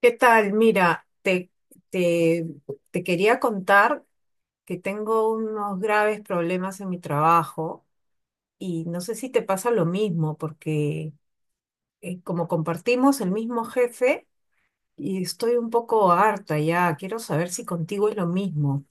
¿Qué tal? Mira, te, te quería contar que tengo unos graves problemas en mi trabajo y no sé si te pasa lo mismo porque como compartimos el mismo jefe y estoy un poco harta ya, quiero saber si contigo es lo mismo.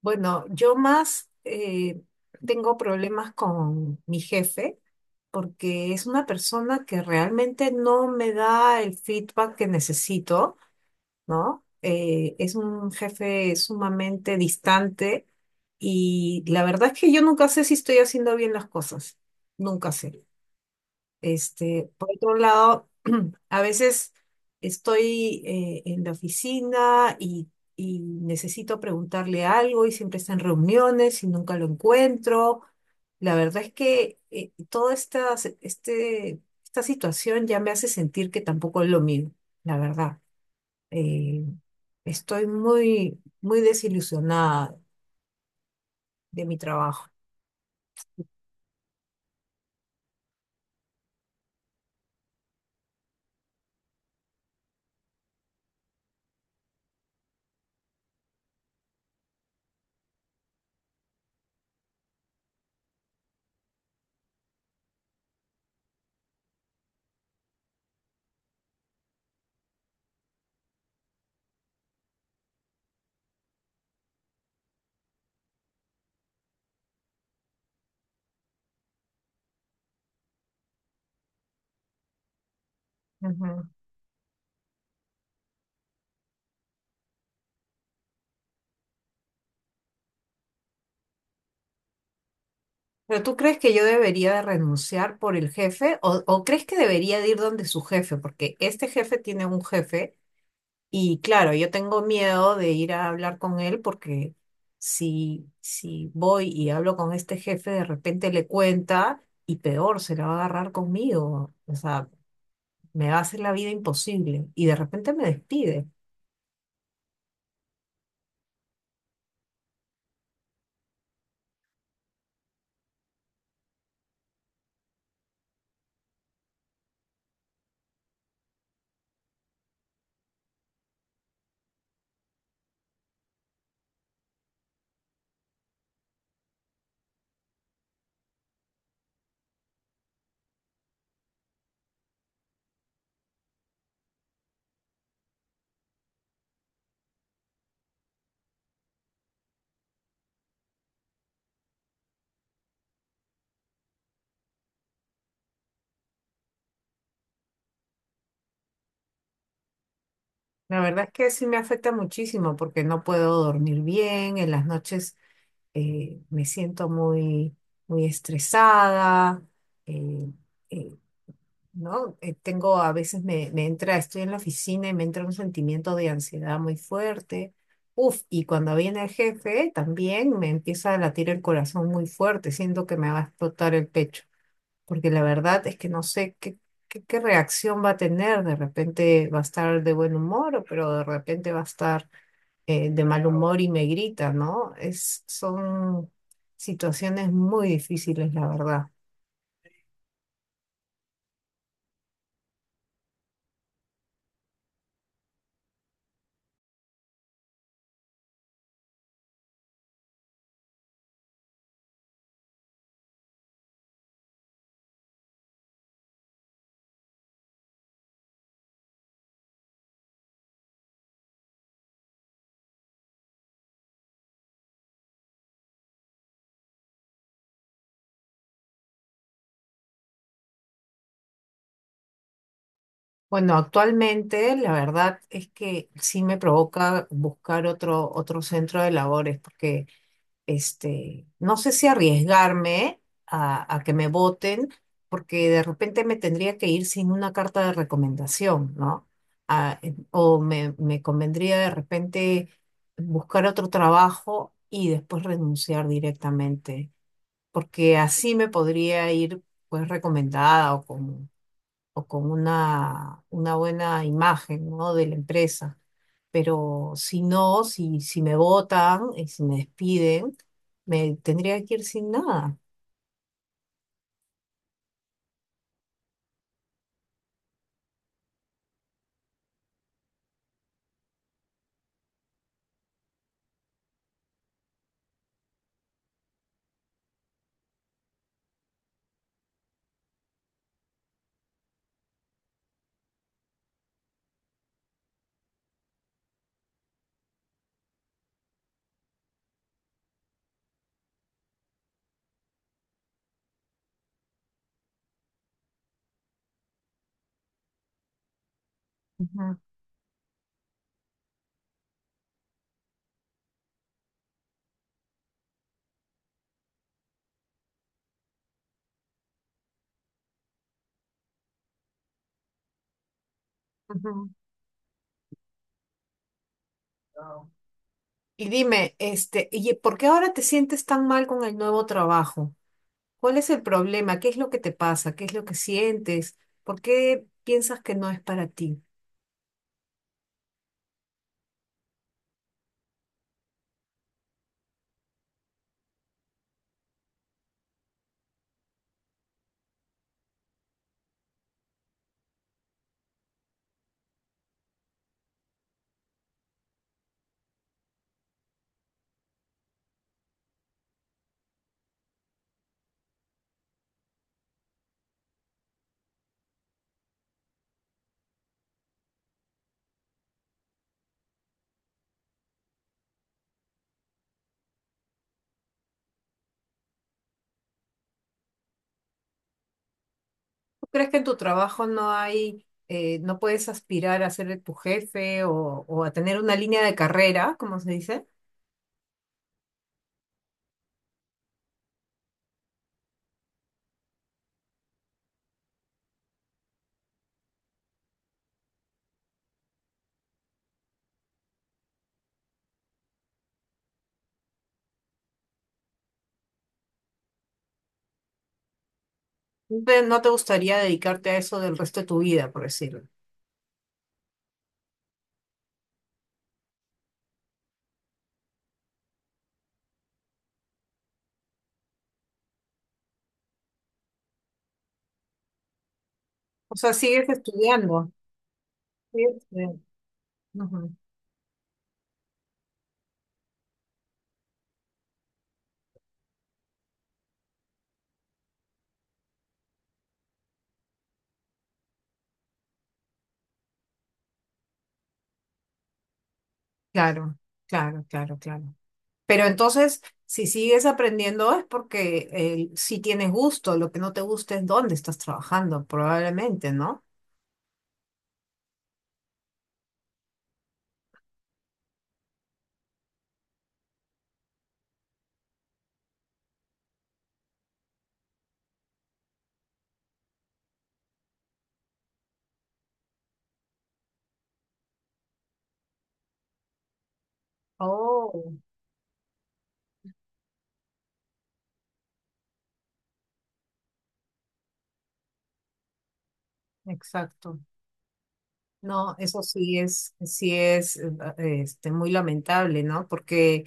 Bueno, yo más tengo problemas con mi jefe porque es una persona que realmente no me da el feedback que necesito, ¿no? Es un jefe sumamente distante y la verdad es que yo nunca sé si estoy haciendo bien las cosas, nunca sé. Este, por otro lado, a veces estoy en la oficina y necesito preguntarle algo y siempre está en reuniones y nunca lo encuentro. La verdad es que toda esta, esta situación ya me hace sentir que tampoco es lo mío, la verdad. eh, Estoy muy desilusionada de mi trabajo. Ujú. ¿Pero tú crees que yo debería de renunciar por el jefe o crees que debería de ir donde su jefe? Porque este jefe tiene un jefe y claro, yo tengo miedo de ir a hablar con él porque si voy y hablo con este jefe, de repente le cuenta y peor, se la va a agarrar conmigo. O sea, me va a hacer la vida imposible y de repente me despide. La verdad es que sí me afecta muchísimo porque no puedo dormir bien en las noches. Me siento muy estresada, eh, eh, ¿no? Tengo, a veces me entra, estoy en la oficina y me entra un sentimiento de ansiedad muy fuerte. Uf, y cuando viene el jefe también me empieza a latir el corazón muy fuerte, siento que me va a explotar el pecho porque la verdad es que no sé qué reacción va a tener. De repente va a estar de buen humor, pero de repente va a estar de mal humor y me grita, ¿no? Son situaciones muy difíciles, la verdad. Bueno, actualmente la verdad es que sí me provoca buscar otro centro de labores, porque este, no sé si arriesgarme a que me voten, porque de repente me tendría que ir sin una carta de recomendación, ¿no? O me convendría de repente buscar otro trabajo y después renunciar directamente, porque así me podría ir pues recomendada o con una buena imagen, ¿no?, de la empresa. Pero si no, si me votan y si me despiden, me tendría que ir sin nada. Ujú, ujú. Wow. Y dime, este, ¿y por qué ahora te sientes tan mal con el nuevo trabajo? ¿Cuál es el problema? ¿Qué es lo que te pasa? ¿Qué es lo que sientes? ¿Por qué piensas que no es para ti? ¿Crees que en tu trabajo no hay, no puedes aspirar a ser tu jefe o a tener una línea de carrera, como se dice? ¿No te gustaría dedicarte a eso del resto de tu vida, por decirlo? O sea, sigues estudiando. Sigues estudiando. Ujú. Claro, claro, claro, claro. Pero entonces, si sigues aprendiendo es porque si tienes gusto, lo que no te gusta es dónde estás trabajando, probablemente, ¿no? Oh, exacto. No, eso sí es este, muy lamentable, ¿no? Porque,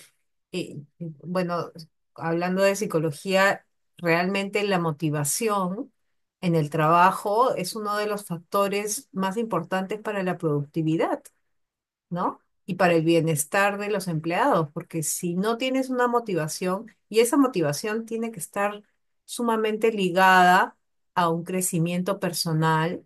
bueno, hablando de psicología, realmente la motivación en el trabajo es uno de los factores más importantes para la productividad, ¿no? Y para el bienestar de los empleados, porque si no tienes una motivación, y esa motivación tiene que estar sumamente ligada a un crecimiento personal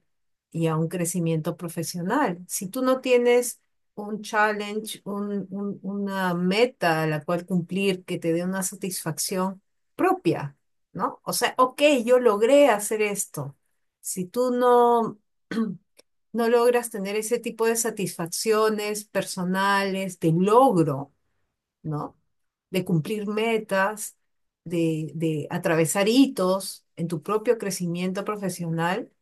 y a un crecimiento profesional. Si tú no tienes un challenge, una meta a la cual cumplir que te dé una satisfacción propia, ¿no? O sea, ok, yo logré hacer esto. Si tú no no logras tener ese tipo de satisfacciones personales, de logro, ¿no? De cumplir metas, de atravesar hitos en tu propio crecimiento profesional,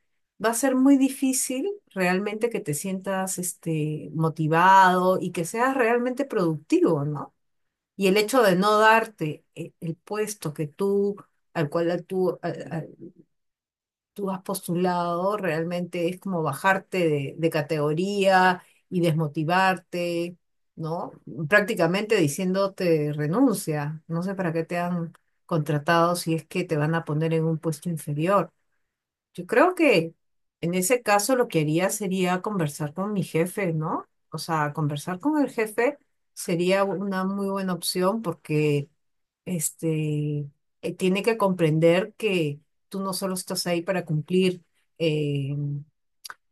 va a ser muy difícil realmente que te sientas este, motivado y que seas realmente productivo, ¿no? Y el hecho de no darte el puesto que tú, al cual tú, tú has postulado realmente es como bajarte de categoría y desmotivarte, ¿no? Prácticamente diciéndote renuncia. No sé para qué te han contratado si es que te van a poner en un puesto inferior. Yo creo que en ese caso lo que haría sería conversar con mi jefe, ¿no? O sea, conversar con el jefe sería una muy buena opción porque este, tiene que comprender que tú no solo estás ahí para cumplir eh,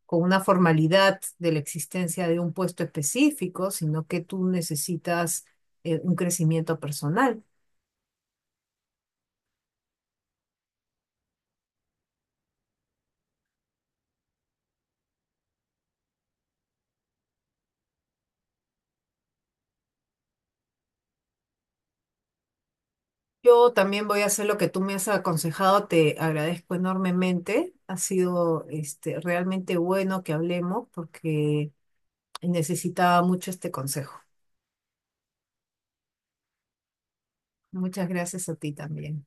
con una formalidad de la existencia de un puesto específico, sino que tú necesitas un crecimiento personal. Yo también voy a hacer lo que tú me has aconsejado, te agradezco enormemente. Ha sido este, realmente bueno que hablemos porque necesitaba mucho este consejo. Muchas gracias a ti también.